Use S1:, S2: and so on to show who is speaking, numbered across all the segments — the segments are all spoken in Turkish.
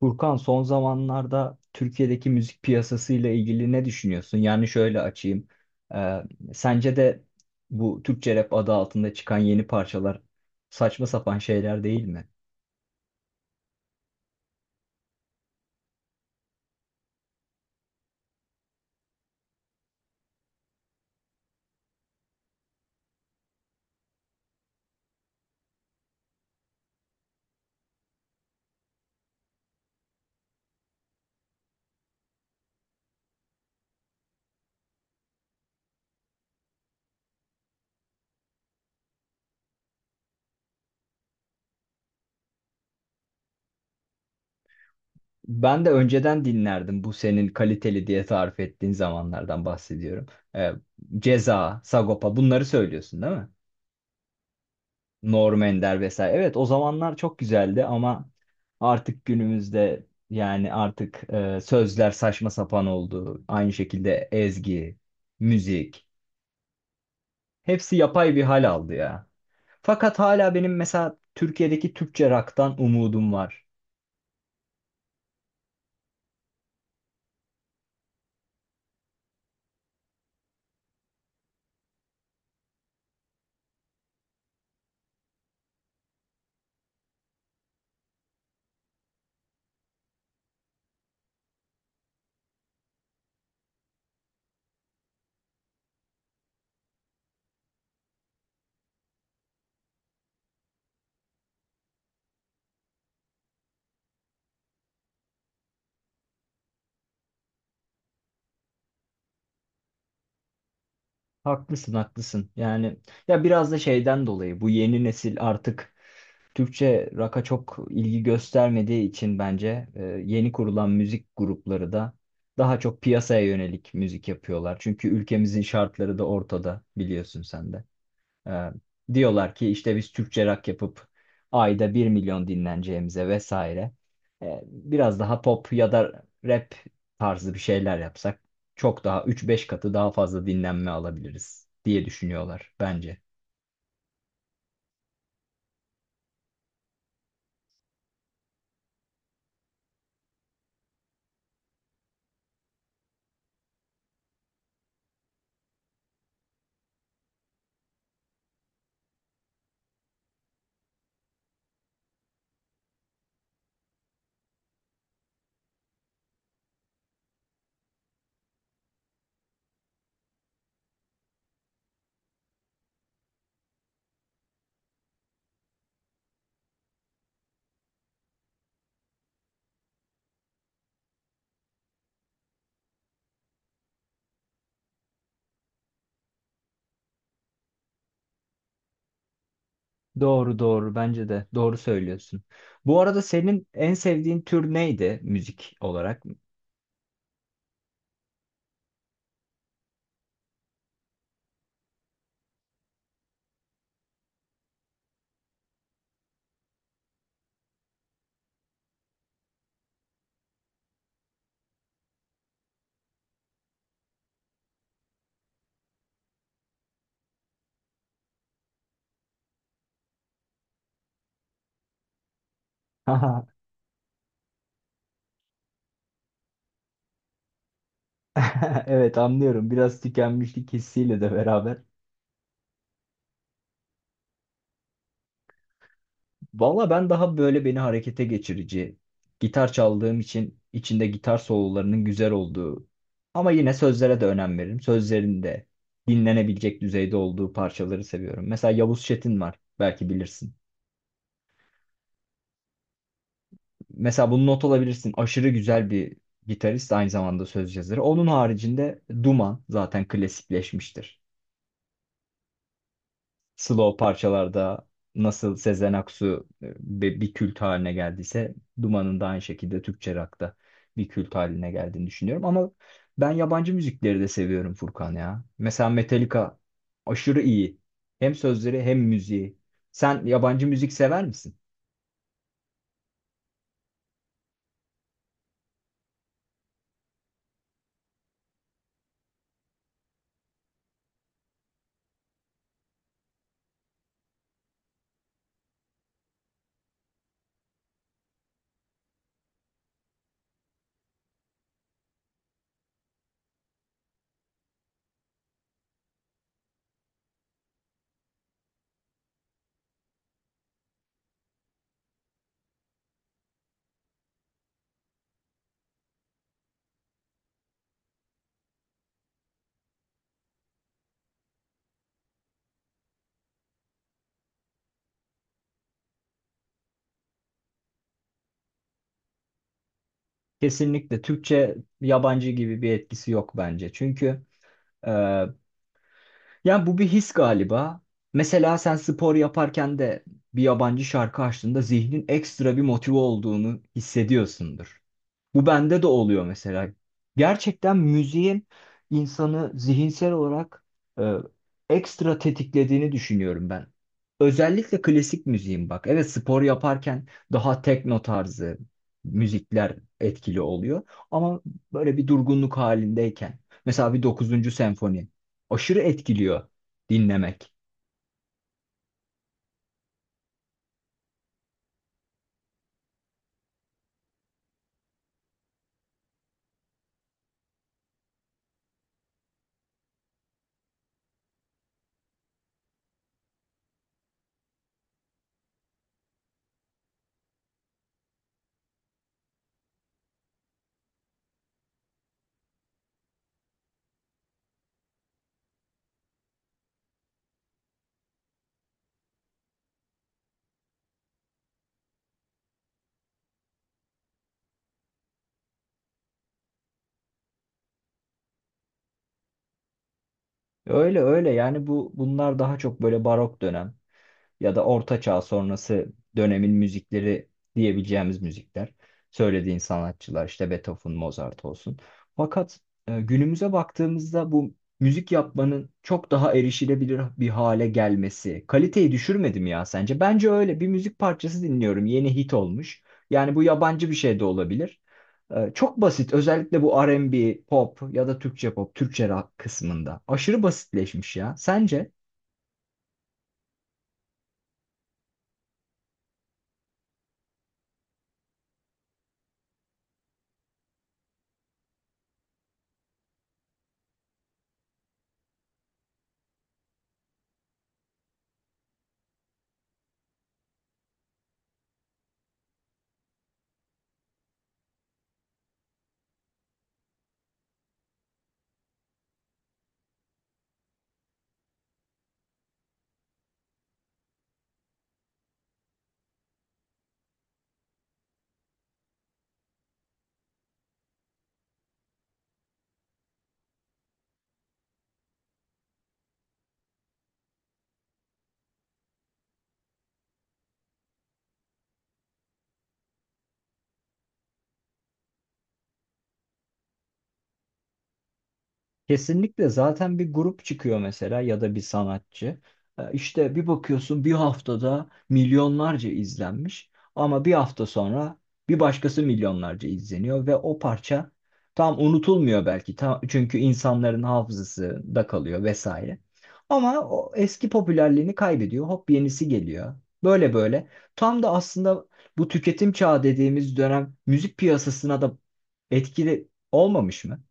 S1: Furkan son zamanlarda Türkiye'deki müzik piyasası ile ilgili ne düşünüyorsun? Yani şöyle açayım. Ee, sence de bu Türkçe rap adı altında çıkan yeni parçalar saçma sapan şeyler değil mi? Ben de önceden dinlerdim, bu senin kaliteli diye tarif ettiğin zamanlardan bahsediyorum. Ee, Ceza, Sagopa bunları söylüyorsun değil mi? Norm Ender vesaire. Evet o zamanlar çok güzeldi ama artık günümüzde, yani artık sözler saçma sapan oldu. Aynı şekilde ezgi, müzik, hepsi yapay bir hal aldı ya. Fakat hala benim mesela Türkiye'deki Türkçe rock'tan umudum var. Haklısın, haklısın. Yani ya biraz da şeyden dolayı, bu yeni nesil artık Türkçe rock'a çok ilgi göstermediği için bence yeni kurulan müzik grupları da daha çok piyasaya yönelik müzik yapıyorlar. Çünkü ülkemizin şartları da ortada, biliyorsun sen de. Ee, diyorlar ki işte biz Türkçe rock yapıp ayda bir milyon dinleneceğimize vesaire. Biraz daha pop ya da rap tarzı bir şeyler yapsak çok daha üç beş katı daha fazla dinlenme alabiliriz diye düşünüyorlar bence. Doğru doğru, bence de doğru söylüyorsun. Bu arada senin en sevdiğin tür neydi müzik olarak? Evet anlıyorum, biraz tükenmişlik hissiyle de beraber. Valla ben daha böyle beni harekete geçirici, gitar çaldığım için içinde gitar sololarının güzel olduğu, ama yine sözlere de önem veririm. Sözlerin de dinlenebilecek düzeyde olduğu parçaları seviyorum. Mesela Yavuz Çetin var, belki bilirsin. Mesela bunu not alabilirsin. Aşırı güzel bir gitarist, aynı zamanda söz yazarı. Onun haricinde Duman zaten klasikleşmiştir. Slow parçalarda nasıl Sezen Aksu bir kült haline geldiyse, Duman'ın da aynı şekilde Türkçe rock'ta bir kült haline geldiğini düşünüyorum. Ama ben yabancı müzikleri de seviyorum Furkan ya. Mesela Metallica aşırı iyi. Hem sözleri hem müziği. Sen yabancı müzik sever misin? Kesinlikle Türkçe, yabancı gibi bir etkisi yok bence. Çünkü e, yani bu bir his galiba. Mesela sen spor yaparken de bir yabancı şarkı açtığında zihnin ekstra bir motive olduğunu hissediyorsundur. Bu bende de oluyor mesela. Gerçekten müziğin insanı zihinsel olarak e, ekstra tetiklediğini düşünüyorum ben. Özellikle klasik müziğin bak. Evet, spor yaparken daha tekno tarzı müzikler etkili oluyor. Ama böyle bir durgunluk halindeyken, mesela bir dokuzuncu senfoni aşırı etkiliyor dinlemek. Öyle öyle, yani bu bunlar daha çok böyle barok dönem, ya da orta çağ sonrası dönemin müzikleri diyebileceğimiz müzikler. Söylediğin sanatçılar işte Beethoven, Mozart olsun. Fakat günümüze baktığımızda bu müzik yapmanın çok daha erişilebilir bir hale gelmesi kaliteyi düşürmedi mi ya sence? Bence öyle. Bir müzik parçası dinliyorum. Yeni hit olmuş. Yani bu yabancı bir şey de olabilir. Çok basit. Özellikle bu R&B, pop ya da Türkçe pop, Türkçe rock kısmında. Aşırı basitleşmiş ya. Sence? Kesinlikle, zaten bir grup çıkıyor mesela ya da bir sanatçı. İşte bir bakıyorsun bir haftada milyonlarca izlenmiş, ama bir hafta sonra bir başkası milyonlarca izleniyor ve o parça tam unutulmuyor belki, tam, çünkü insanların hafızasında kalıyor vesaire. Ama o eski popülerliğini kaybediyor, hop yenisi geliyor. Böyle böyle, tam da aslında bu tüketim çağı dediğimiz dönem müzik piyasasına da etkili olmamış mı?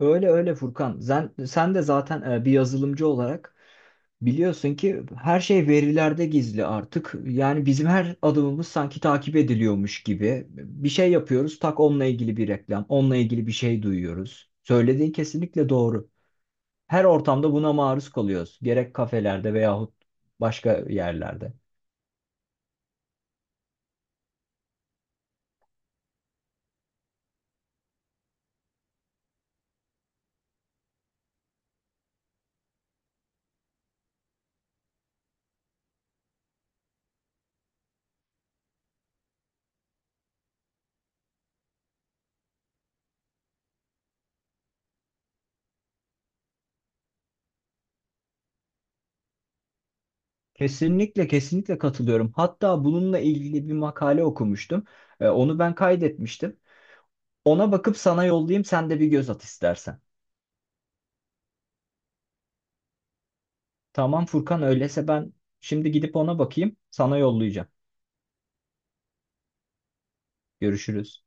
S1: Öyle öyle Furkan. Sen de zaten bir yazılımcı olarak biliyorsun ki her şey verilerde gizli artık. Yani bizim her adımımız sanki takip ediliyormuş gibi. Bir şey yapıyoruz, tak onunla ilgili bir reklam, onunla ilgili bir şey duyuyoruz. Söylediğin kesinlikle doğru. Her ortamda buna maruz kalıyoruz. Gerek kafelerde veyahut başka yerlerde. Kesinlikle, kesinlikle katılıyorum. Hatta bununla ilgili bir makale okumuştum. Onu ben kaydetmiştim. Ona bakıp sana yollayayım, sen de bir göz at istersen. Tamam Furkan, öyleyse ben şimdi gidip ona bakayım, sana yollayacağım. Görüşürüz.